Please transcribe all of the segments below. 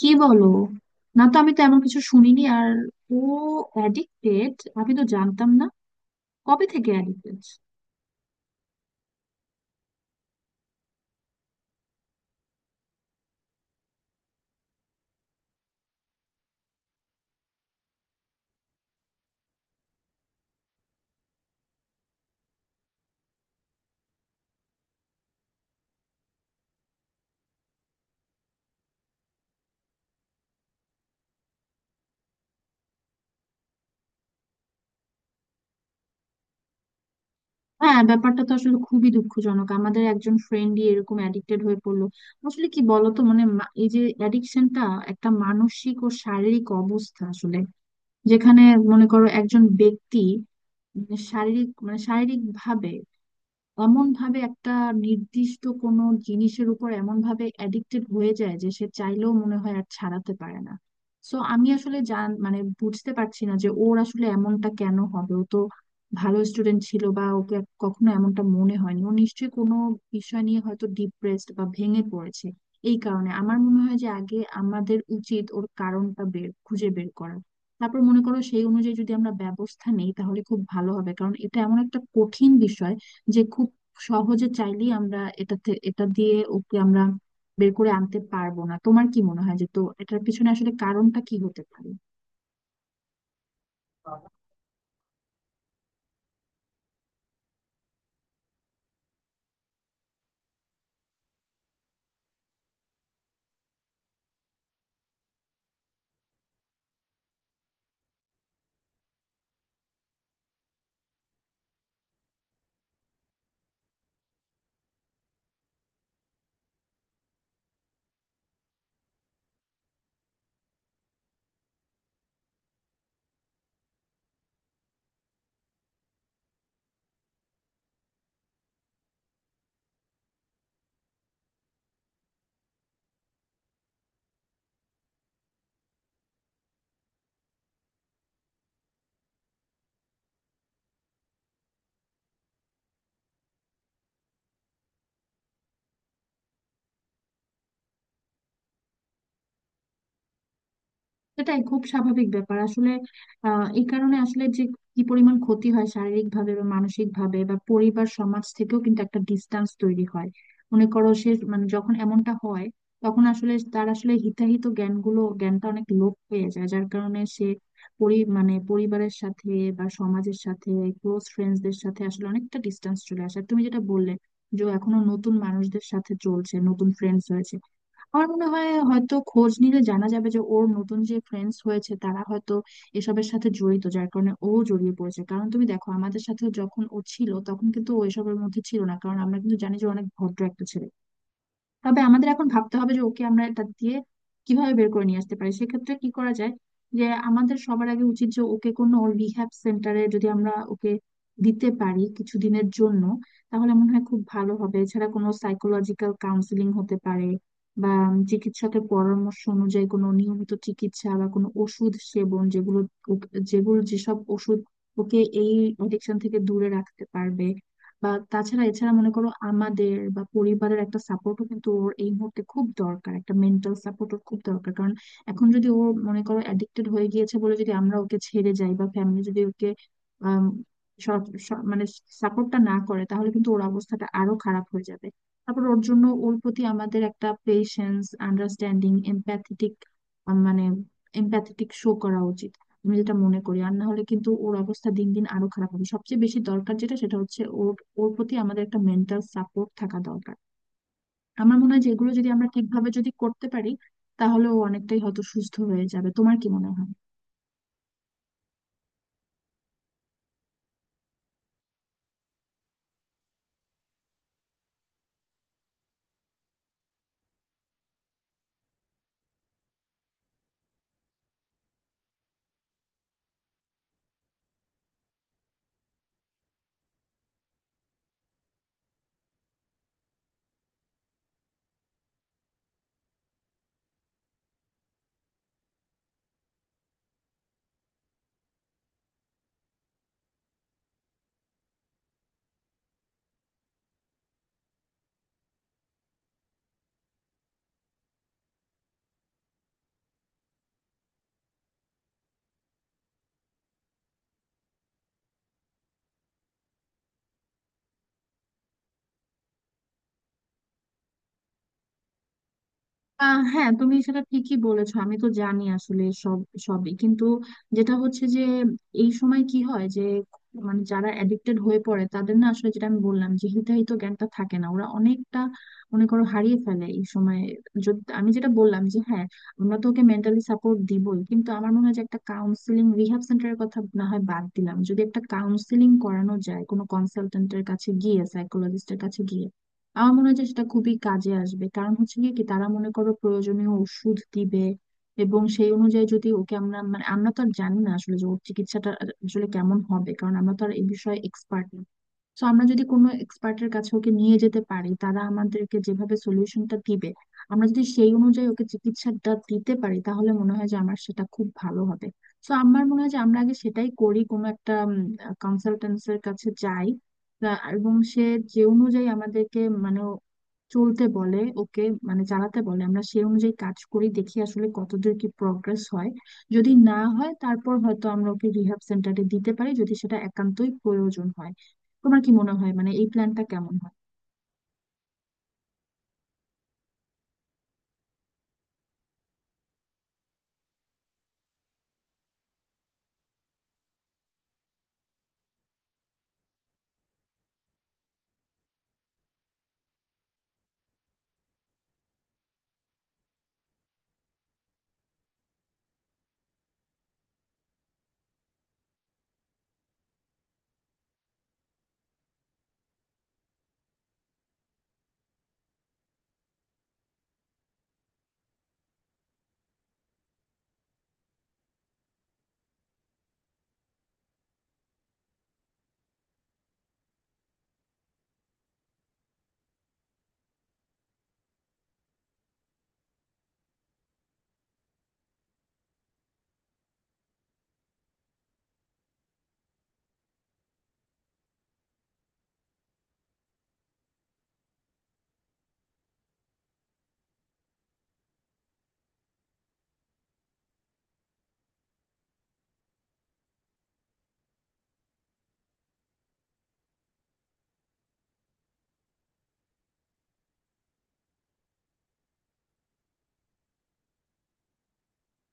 কি বলো? না তো, আমি তো এমন কিছু শুনিনি। আর ও অ্যাডিক্টেড? আমি তো জানতাম না। কবে থেকে অ্যাডিক্টেড? হ্যাঁ, ব্যাপারটা তো আসলে খুবই দুঃখজনক। আমাদের একজন ফ্রেন্ডই এরকম অ্যাডিক্টেড হয়ে পড়লো। আসলে কি বলতো, মানে এই যে অ্যাডিকশনটা একটা মানসিক ও শারীরিক অবস্থা আসলে, যেখানে মনে করো একজন ব্যক্তি শারীরিক মানে শারীরিক ভাবে অমন ভাবে একটা নির্দিষ্ট কোনো জিনিসের উপর এমন ভাবে অ্যাডিক্টেড হয়ে যায় যে সে চাইলেও মনে হয় আর ছাড়াতে পারে না। সো আমি আসলে মানে বুঝতে পারছি না যে ওর আসলে এমনটা কেন হবে। ও তো ভালো স্টুডেন্ট ছিল, বা ওকে কখনো এমনটা মনে হয়নি। ও নিশ্চয়ই কোনো বিষয় নিয়ে হয়তো ডিপ্রেসড বা ভেঙে পড়েছে। এই কারণে আমার মনে হয় যে আগে আমাদের উচিত ওর কারণটা খুঁজে বের করা। তারপর মনে করো সেই অনুযায়ী যদি আমরা ব্যবস্থা নেই তাহলে খুব ভালো হবে, কারণ এটা এমন একটা কঠিন বিষয় যে খুব সহজে চাইলেই আমরা এটা দিয়ে ওকে আমরা বের করে আনতে পারবো না। তোমার কি মনে হয় যে তো এটার পিছনে আসলে কারণটা কি হতে পারে? সেটাই খুব স্বাভাবিক ব্যাপার আসলে। আহ, এই কারণে আসলে যে কি পরিমাণ ক্ষতি হয় শারীরিক ভাবে বা মানসিক ভাবে, বা পরিবার সমাজ থেকেও কিন্তু একটা ডিস্টেন্স তৈরি হয়। মনে করো সে মানে যখন এমনটা হয় তখন আসলে তার আসলে হিতাহিত জ্ঞানটা অনেক লোপ হয়ে যায়, যার কারণে সে পরিবারের সাথে বা সমাজের সাথে ক্লোজ ফ্রেন্ডসদের সাথে আসলে অনেকটা ডিস্টেন্স চলে আসে। আর তুমি যেটা বললে যে ও এখনো নতুন মানুষদের সাথে চলছে, নতুন ফ্রেন্ডস হয়েছে। আমার মনে হয় হয়তো খোঁজ নিলে জানা যাবে যে ওর নতুন যে ফ্রেন্ডস হয়েছে তারা হয়তো এসবের সাথে জড়িত, যার কারণে ও জড়িয়ে পড়েছে। কারণ তুমি দেখো, আমাদের সাথে যখন ও ছিল তখন কিন্তু ও এসবের মধ্যে ছিল না, কারণ আমরা কিন্তু জানি যে ও অনেক ভদ্র একটা ছেলে। তবে আমাদের এখন ভাবতে হবে যে ওকে আমরা এটা দিয়ে কিভাবে বের করে নিয়ে আসতে পারি। সেক্ষেত্রে কি করা যায়, যে আমাদের সবার আগে উচিত যে ওকে কোনো রিহ্যাব সেন্টারে যদি আমরা ওকে দিতে পারি কিছুদিনের জন্য তাহলে মনে হয় খুব ভালো হবে। এছাড়া কোনো সাইকোলজিক্যাল কাউন্সিলিং হতে পারে, বা চিকিৎসকের পরামর্শ অনুযায়ী কোনো নিয়মিত চিকিৎসা বা কোনো ওষুধ সেবন, যেগুলো যেগুলো যেসব ওষুধ ওকে এই অ্যাডিকশন থেকে দূরে রাখতে পারবে। বা তাছাড়া এছাড়া মনে করো আমাদের বা পরিবারের একটা সাপোর্টও কিন্তু ওর এই মুহূর্তে খুব দরকার। একটা মেন্টাল সাপোর্ট ওর খুব দরকার, কারণ এখন যদি ও মনে করো অ্যাডিক্টেড হয়ে গিয়েছে বলে যদি আমরা ওকে ছেড়ে যাই বা ফ্যামিলি যদি ওকে আম, মানে সাপোর্টটা না করে তাহলে কিন্তু ওর অবস্থাটা আরো খারাপ হয়ে যাবে। তারপর ওর জন্য, ওর প্রতি আমাদের একটা পেশেন্স, আন্ডারস্ট্যান্ডিং, এমপ্যাথেটিক মানে এমপ্যাথেটিক শো করা উচিত, আমি যেটা মনে করি। আর না হলে কিন্তু ওর অবস্থা দিন দিন আরো খারাপ হবে। সবচেয়ে বেশি দরকার যেটা সেটা হচ্ছে ওর, ওর প্রতি আমাদের একটা মেন্টাল সাপোর্ট থাকা দরকার। আমার মনে হয় যে এগুলো যদি আমরা ঠিকভাবে যদি করতে পারি তাহলে ও অনেকটাই হয়তো সুস্থ হয়ে যাবে। তোমার কি মনে হয়? আহ, হ্যাঁ তুমি সেটা ঠিকই বলেছো। আমি তো জানি আসলে সবই কিন্তু, যেটা হচ্ছে যে এই সময় কি হয় যে, মানে যারা এডিক্টেড হয়ে পড়ে তাদের না আসলে, যেটা আমি বললাম যে হিতাহিত জ্ঞানটা থাকে না। ওরা অনেকটা মনে করো হারিয়ে ফেলে এই সময়। যদি আমি যেটা বললাম যে হ্যাঁ আমরা তো ওকে মেন্টালি সাপোর্ট দিবই, কিন্তু আমার মনে হয় যে একটা কাউন্সিলিং, রিহ্যাব সেন্টারের কথা না হয় বাদ দিলাম, যদি একটা কাউন্সিলিং করানো যায় কোনো কনসালটেন্টের কাছে গিয়ে, সাইকোলজিস্টের কাছে গিয়ে, আমার মনে হয় যে সেটা খুবই কাজে আসবে। কারণ হচ্ছে গিয়ে কি, তারা মনে করো প্রয়োজনীয় ওষুধ দিবে, এবং সেই অনুযায়ী যদি ওকে আমরা মানে, আমরা তো আর জানি না আসলে যে ওর চিকিৎসাটা আসলে কেমন হবে, কারণ আমরা তো আর এই বিষয়ে এক্সপার্ট। তো আমরা যদি কোনো এক্সপার্টের কাছে ওকে নিয়ে যেতে পারি, তারা আমাদেরকে যেভাবে সলিউশনটা দিবে, আমরা যদি সেই অনুযায়ী ওকে চিকিৎসাটা দিতে পারি, তাহলে মনে হয় যে আমার সেটা খুব ভালো হবে। তো আমার মনে হয় যে আমরা আগে সেটাই করি, কোনো একটা কনসালটেন্সের কাছে যাই। এবং সে যে অনুযায়ী আমাদেরকে মানে চলতে বলে ওকে মানে চালাতে বলে, আমরা সেই অনুযায়ী কাজ করি। দেখি আসলে কতদূর কি প্রগ্রেস হয়। যদি না হয় তারপর হয়তো আমরা ওকে রিহ্যাব সেন্টারে দিতে পারি যদি সেটা একান্তই প্রয়োজন হয়। তোমার কি মনে হয়, মানে এই প্ল্যানটা কেমন হয়?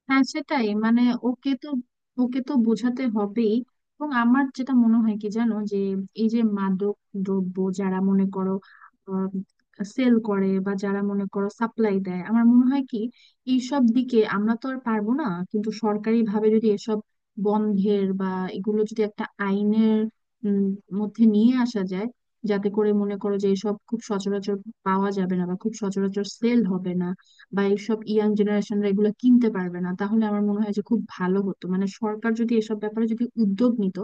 হ্যাঁ সেটাই মানে, ওকে তো ওকে তো বোঝাতে হবেই। এবং আমার যেটা মনে হয় কি জানো, যে এই যে মাদক দ্রব্য যারা মনে করো সেল করে বা যারা মনে করো সাপ্লাই দেয়, আমার মনে হয় কি এইসব দিকে আমরা তো আর পারবো না। কিন্তু সরকারি ভাবে যদি এসব বন্ধের বা এগুলো যদি একটা আইনের উম, মধ্যে নিয়ে আসা যায়, যাতে করে মনে করো যে এসব খুব সচরাচর পাওয়া যাবে না বা খুব সচরাচর সেল হবে না, বা এইসব ইয়াং জেনারেশনরা এগুলো কিনতে পারবে না, তাহলে আমার মনে হয় যে খুব ভালো হতো। মানে সরকার যদি এসব ব্যাপারে যদি উদ্যোগ নিত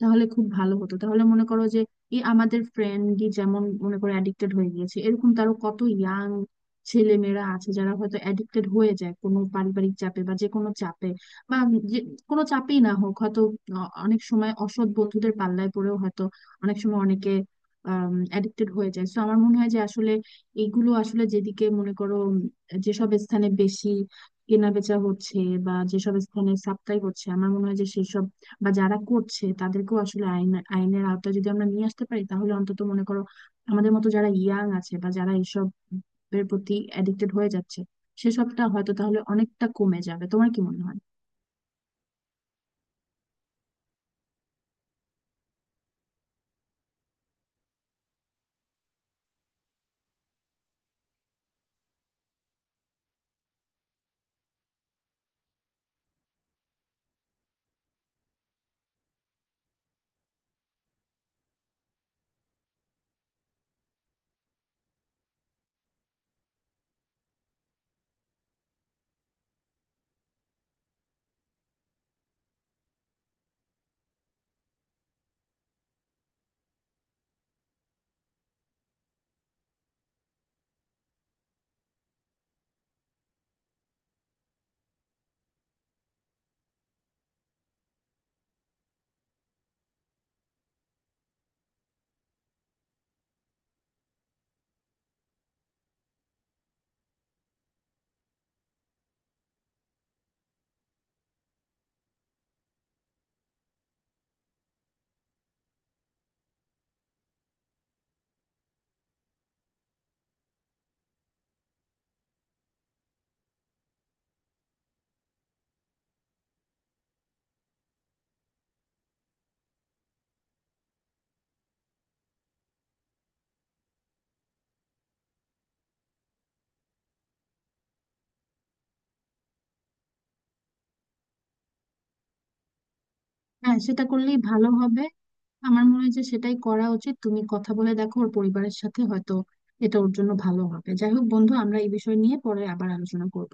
তাহলে খুব ভালো হতো। তাহলে মনে করো যে এই আমাদের ফ্রেন্ডই যেমন মনে করো অ্যাডিক্টেড হয়ে গিয়েছে, এরকম তারও কত ইয়াং ছেলে মেয়েরা আছে যারা হয়তো অ্যাডিক্টেড হয়ে যায় কোনো পারিবারিক চাপে বা যে কোনো চাপে, বা যে কোনো চাপেই না হোক, হয়তো অনেক সময় অসৎ বন্ধুদের পাল্লায় পড়েও হয়তো অনেক সময় অনেকে অ্যাডিক্টেড হয়ে যায়। তো আমার মনে হয় যে আসলে এইগুলো আসলে যেদিকে মনে করো, যেসব স্থানে বেশি কেনা বেচা হচ্ছে বা যেসব স্থানে সাপ্লাই হচ্ছে, আমার মনে হয় যে সেসব বা যারা করছে তাদেরকেও আসলে আইনের আওতায় যদি আমরা নিয়ে আসতে পারি তাহলে অন্তত মনে করো আমাদের মতো যারা ইয়াং আছে বা যারা এইসব এর প্রতি অ্যাডিক্টেড হয়ে যাচ্ছে, সেসবটা হয়তো তাহলে অনেকটা কমে যাবে। তোমার কি মনে হয়? হ্যাঁ সেটা করলেই ভালো হবে। আমার মনে হয় যে সেটাই করা উচিত। তুমি কথা বলে দেখো ওর পরিবারের সাথে, হয়তো এটা ওর জন্য ভালো হবে। যাই হোক বন্ধু, আমরা এই বিষয় নিয়ে পরে আবার আলোচনা করব।